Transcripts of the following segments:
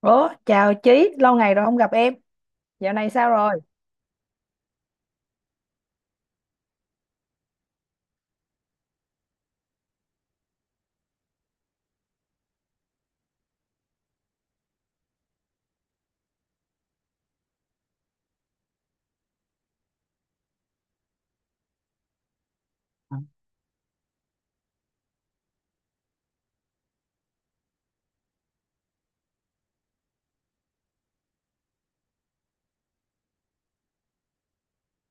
Ủa, chào Chí, lâu ngày rồi không gặp em. Dạo này sao rồi?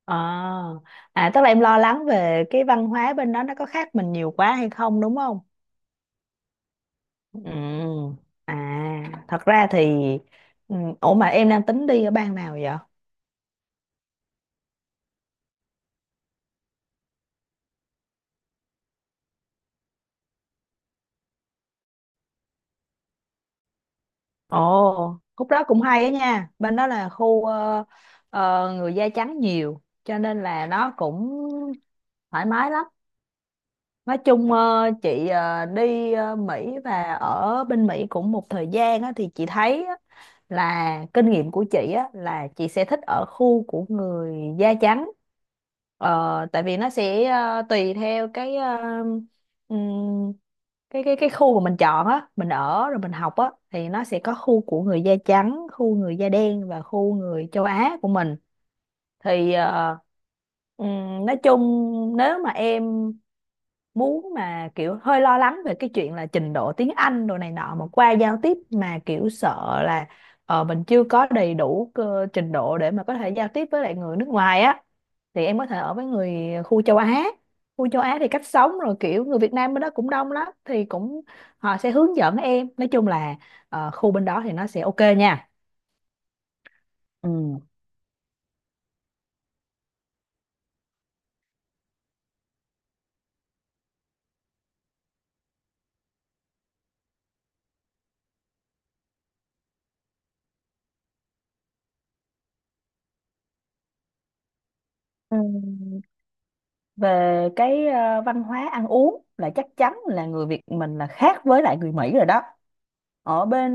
À, à, tức là em lo lắng về cái văn hóa bên đó nó có khác mình nhiều quá hay không, đúng không? Ừ. À, thật ra thì ủa mà em đang tính đi ở bang nào vậy? Ồ, khúc đó cũng hay á nha. Bên đó là khu người da trắng nhiều cho nên là nó cũng thoải mái lắm. Nói chung chị đi Mỹ và ở bên Mỹ cũng một thời gian á, thì chị thấy á, là kinh nghiệm của chị á là chị sẽ thích ở khu của người da trắng, tại vì nó sẽ tùy theo cái ừm, cái khu mà mình chọn á, mình ở rồi mình học á thì nó sẽ có khu của người da trắng, khu người da đen và khu người châu Á của mình. Thì nói chung, nếu mà em muốn mà kiểu hơi lo lắng về cái chuyện là trình độ tiếng Anh đồ này nọ mà qua giao tiếp mà kiểu sợ là mình chưa có đầy đủ trình độ để mà có thể giao tiếp với lại người nước ngoài á, thì em có thể ở với người khu châu Á. Khu châu Á thì cách sống rồi kiểu người Việt Nam bên đó cũng đông lắm thì cũng họ sẽ hướng dẫn em. Nói chung là khu bên đó thì nó sẽ ok nha. Ừ. Ừ. Về cái văn hóa ăn uống là chắc chắn là người Việt mình là khác với lại người Mỹ rồi đó. ở bên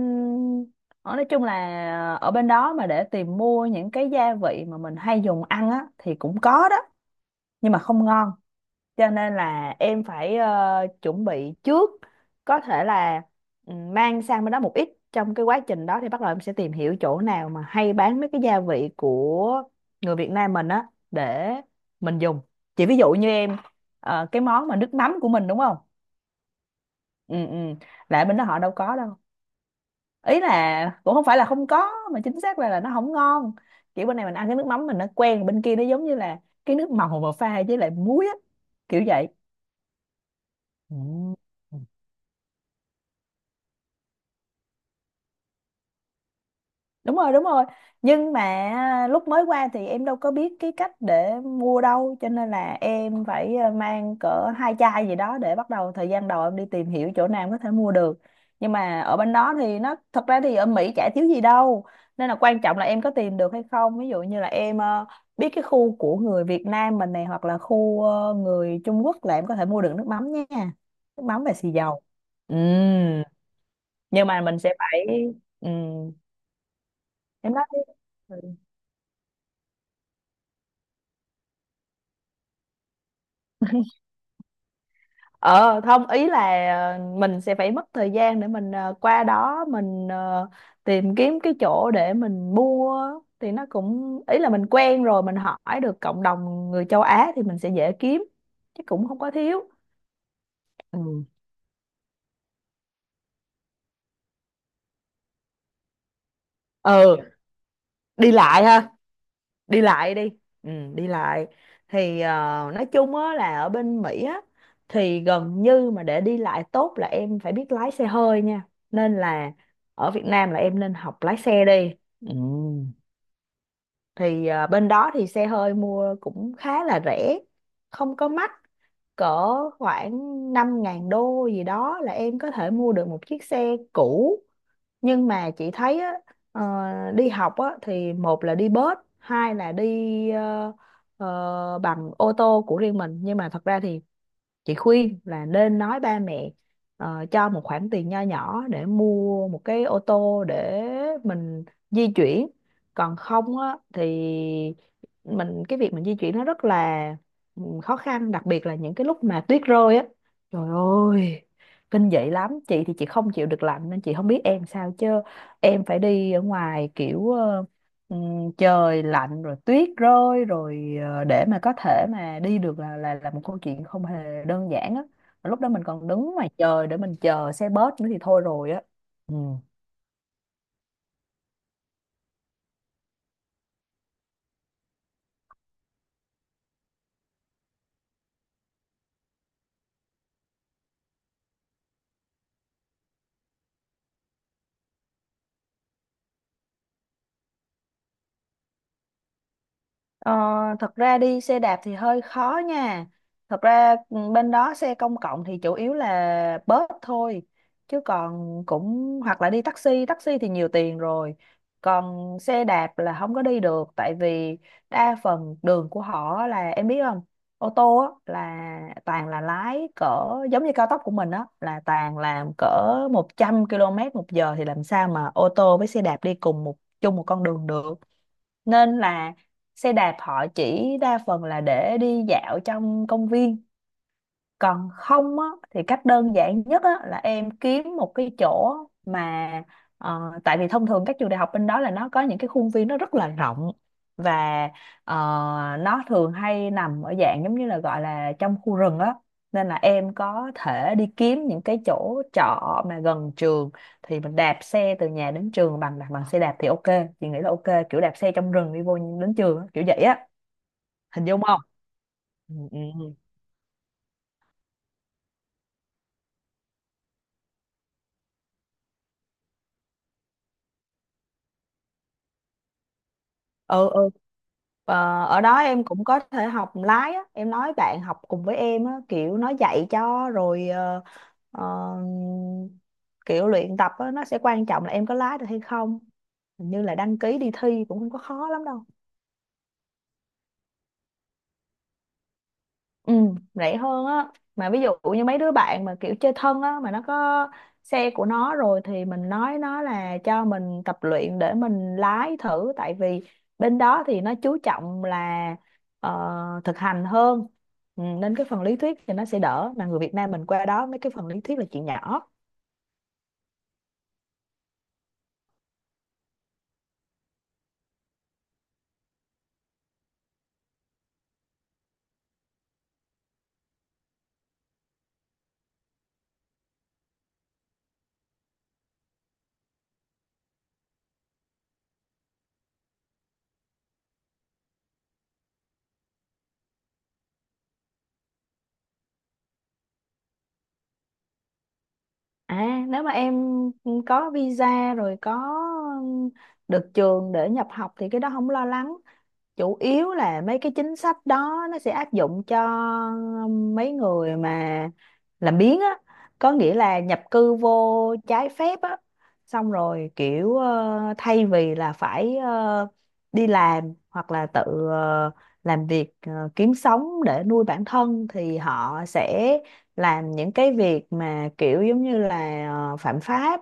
Ở nói chung là ở bên đó mà để tìm mua những cái gia vị mà mình hay dùng ăn á thì cũng có đó, nhưng mà không ngon. Cho nên là em phải chuẩn bị trước, có thể là mang sang bên đó một ít. Trong cái quá trình đó thì bắt đầu em sẽ tìm hiểu chỗ nào mà hay bán mấy cái gia vị của người Việt Nam mình á để mình dùng. Chỉ ví dụ như em cái món mà nước mắm của mình, đúng không? Ừ ừ là ở bên đó họ đâu có đâu. Ý là cũng không phải là không có mà chính xác ra là nó không ngon. Kiểu bên này mình ăn cái nước mắm mình nó quen, bên kia nó giống như là cái nước màu mà pha với lại muối á, kiểu vậy. Ừ. Đúng rồi, đúng rồi. Nhưng mà lúc mới qua thì em đâu có biết cái cách để mua đâu, cho nên là em phải mang cỡ 2 chai gì đó để bắt đầu. Thời gian đầu em đi tìm hiểu chỗ nào em có thể mua được. Nhưng mà ở bên đó thì nó thật ra thì ở Mỹ chả thiếu gì đâu, nên là quan trọng là em có tìm được hay không. Ví dụ như là em biết cái khu của người Việt Nam mình này, hoặc là khu người Trung Quốc là em có thể mua được nước mắm nha, nước mắm và xì dầu. Ừm, nhưng mà mình sẽ phải ừm, em nói đi. Ờ không, ý là mình sẽ phải mất thời gian để mình qua đó mình tìm kiếm cái chỗ để mình mua. Thì nó cũng, ý là mình quen rồi, mình hỏi được cộng đồng người châu Á thì mình sẽ dễ kiếm, chứ cũng không có thiếu. Ừ, ừ, đi lại ha, đi lại đi, đi lại thì nói chung á là ở bên Mỹ á thì gần như mà để đi lại tốt là em phải biết lái xe hơi nha, nên là ở Việt Nam là em nên học lái xe đi. Ừ, thì bên đó thì xe hơi mua cũng khá là rẻ, không có mắc, cỡ khoảng 5.000 đô gì đó là em có thể mua được một chiếc xe cũ. Nhưng mà chị thấy á, ờ, đi học á, thì một là đi bus, hai là đi bằng ô tô của riêng mình. Nhưng mà thật ra thì chị khuyên là nên nói ba mẹ cho một khoản tiền nho nhỏ để mua một cái ô tô để mình di chuyển. Còn không á, thì mình cái việc mình di chuyển nó rất là khó khăn, đặc biệt là những cái lúc mà tuyết rơi á. Trời ơi, kinh dị lắm. Chị thì chị không chịu được lạnh nên chị không biết em sao, chứ em phải đi ở ngoài kiểu Ừ, trời lạnh rồi tuyết rơi rồi để mà có thể mà đi được là một câu chuyện không hề đơn giản á. Mà lúc đó mình còn đứng ngoài trời để mình chờ xe bus nữa thì thôi rồi á. ừ. Ờ, thật ra đi xe đạp thì hơi khó nha. Thật ra bên đó xe công cộng thì chủ yếu là bus thôi. Chứ còn cũng hoặc là đi taxi, taxi thì nhiều tiền rồi. Còn xe đạp là không có đi được, tại vì đa phần đường của họ là em biết không? Ô tô á, là toàn là lái cỡ, giống như cao tốc của mình á là toàn làm cỡ 100 km một giờ thì làm sao mà ô tô với xe đạp đi cùng một, chung một con đường được. Nên là xe đạp họ chỉ đa phần là để đi dạo trong công viên. Còn không á, thì cách đơn giản nhất á, là em kiếm một cái chỗ mà tại vì thông thường các trường đại học bên đó là nó có những cái khuôn viên nó rất là rộng, và ờ, nó thường hay nằm ở dạng giống như là gọi là trong khu rừng á, nên là em có thể đi kiếm những cái chỗ trọ mà gần trường, thì mình đạp xe từ nhà đến trường bằng bằng xe đạp thì ok, chị nghĩ là ok, kiểu đạp xe trong rừng đi vô đến trường á, kiểu vậy á, hình dung không? Ừ, ừ. Ừ, ừ. Ở đó em cũng có thể học lái á, em nói bạn học cùng với em á kiểu nó dạy cho, rồi ờ, kiểu luyện tập á, nó sẽ quan trọng là em có lái được hay không. Hình như là đăng ký đi thi cũng không có khó lắm đâu. Ừ, rẻ hơn á, mà ví dụ như mấy đứa bạn mà kiểu chơi thân á mà nó có xe của nó rồi thì mình nói nó là cho mình tập luyện để mình lái thử. Tại vì bên đó thì nó chú trọng là ờ, thực hành hơn. Ừ, nên cái phần lý thuyết thì nó sẽ đỡ, mà người Việt Nam mình qua đó mấy cái phần lý thuyết là chuyện nhỏ. À, nếu mà em có visa rồi, có được trường để nhập học thì cái đó không lo lắng. Chủ yếu là mấy cái chính sách đó nó sẽ áp dụng cho mấy người mà làm biếng á, có nghĩa là nhập cư vô trái phép á, xong rồi kiểu thay vì là phải đi làm hoặc là tự ờ, làm việc, kiếm sống để nuôi bản thân thì họ sẽ làm những cái việc mà kiểu giống như là phạm pháp,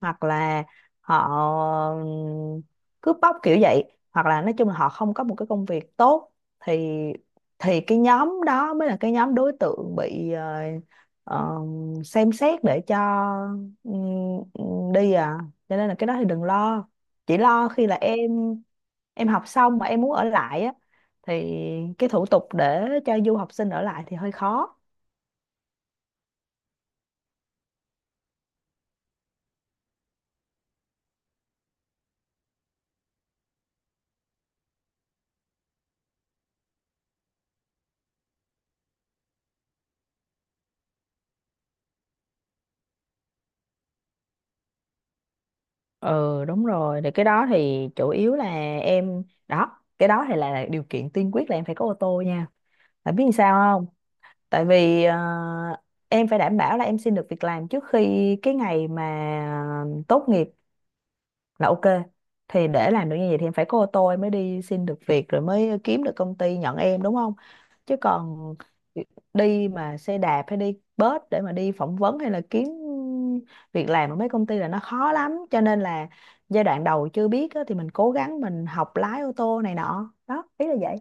hoặc là họ ừm, cướp bóc kiểu vậy, hoặc là nói chung là họ không có một cái công việc tốt. Thì cái nhóm đó mới là cái nhóm đối tượng bị ờ, xem xét để cho đi à. Cho nên là cái đó thì đừng lo, chỉ lo khi là em học xong mà em muốn ở lại á thì cái thủ tục để cho du học sinh ở lại thì hơi khó. Ừ, đúng rồi, thì cái đó thì chủ yếu là em đó, cái đó thì là điều kiện tiên quyết là em phải có ô tô nha, bạn biết làm sao không? Tại vì em phải đảm bảo là em xin được việc làm trước khi cái ngày mà tốt nghiệp là ok. Thì để làm được như vậy thì em phải có ô tô, em mới đi xin được việc rồi mới kiếm được công ty nhận em, đúng không? Chứ còn đi mà xe đạp hay đi bus để mà đi phỏng vấn hay là kiếm việc làm ở mấy công ty là nó khó lắm, cho nên là giai đoạn đầu chưa biết á, thì mình cố gắng mình học lái ô tô này nọ đó, ý là vậy.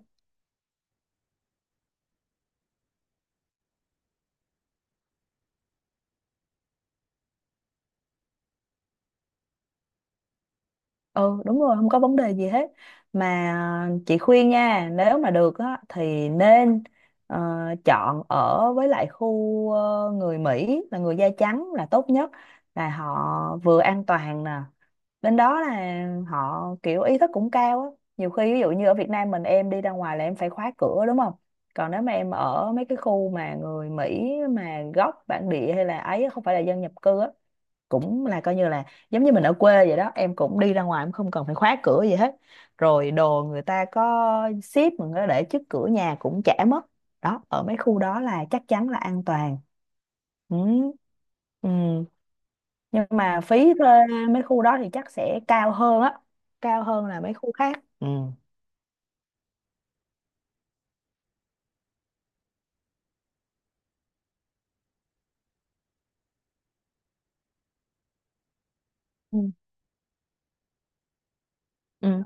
Ừ, đúng rồi, không có vấn đề gì hết. Mà chị khuyên nha, nếu mà được á thì nên ờ, chọn ở với lại khu người Mỹ là người da trắng là tốt nhất, là họ vừa an toàn nè, bên đó là họ kiểu ý thức cũng cao á. Nhiều khi ví dụ như ở Việt Nam mình em đi ra ngoài là em phải khóa cửa, đúng không? Còn nếu mà em ở mấy cái khu mà người Mỹ mà gốc bản địa, hay là ấy, không phải là dân nhập cư á, cũng là coi như là giống như mình ở quê vậy đó, em cũng đi ra ngoài em không cần phải khóa cửa gì hết, rồi đồ người ta có ship mình có để trước cửa nhà cũng chả mất. Đó, ở mấy khu đó là chắc chắn là an toàn. Ừ. Ừ. Nhưng mà phí thuê mấy khu đó thì chắc sẽ cao hơn á, cao hơn là mấy khu khác. Ừ. Ừ. Ừ.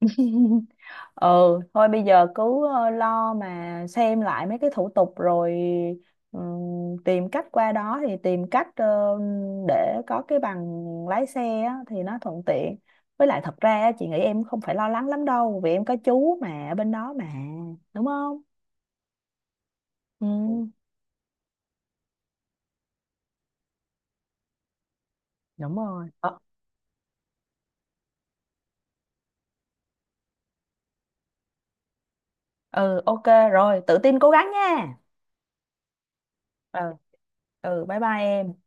Ừ, thôi bây giờ cứ lo mà xem lại mấy cái thủ tục rồi tìm cách qua đó, thì tìm cách để có cái bằng lái xe á, thì nó thuận tiện. Với lại thật ra á, chị nghĩ em không phải lo lắng lắm đâu, vì em có chú mà ở bên đó mà, đúng không? Ừ, đúng rồi. Ờ, ừ, ok, rồi tự tin cố gắng nha. Ừ, ừ, bye bye em.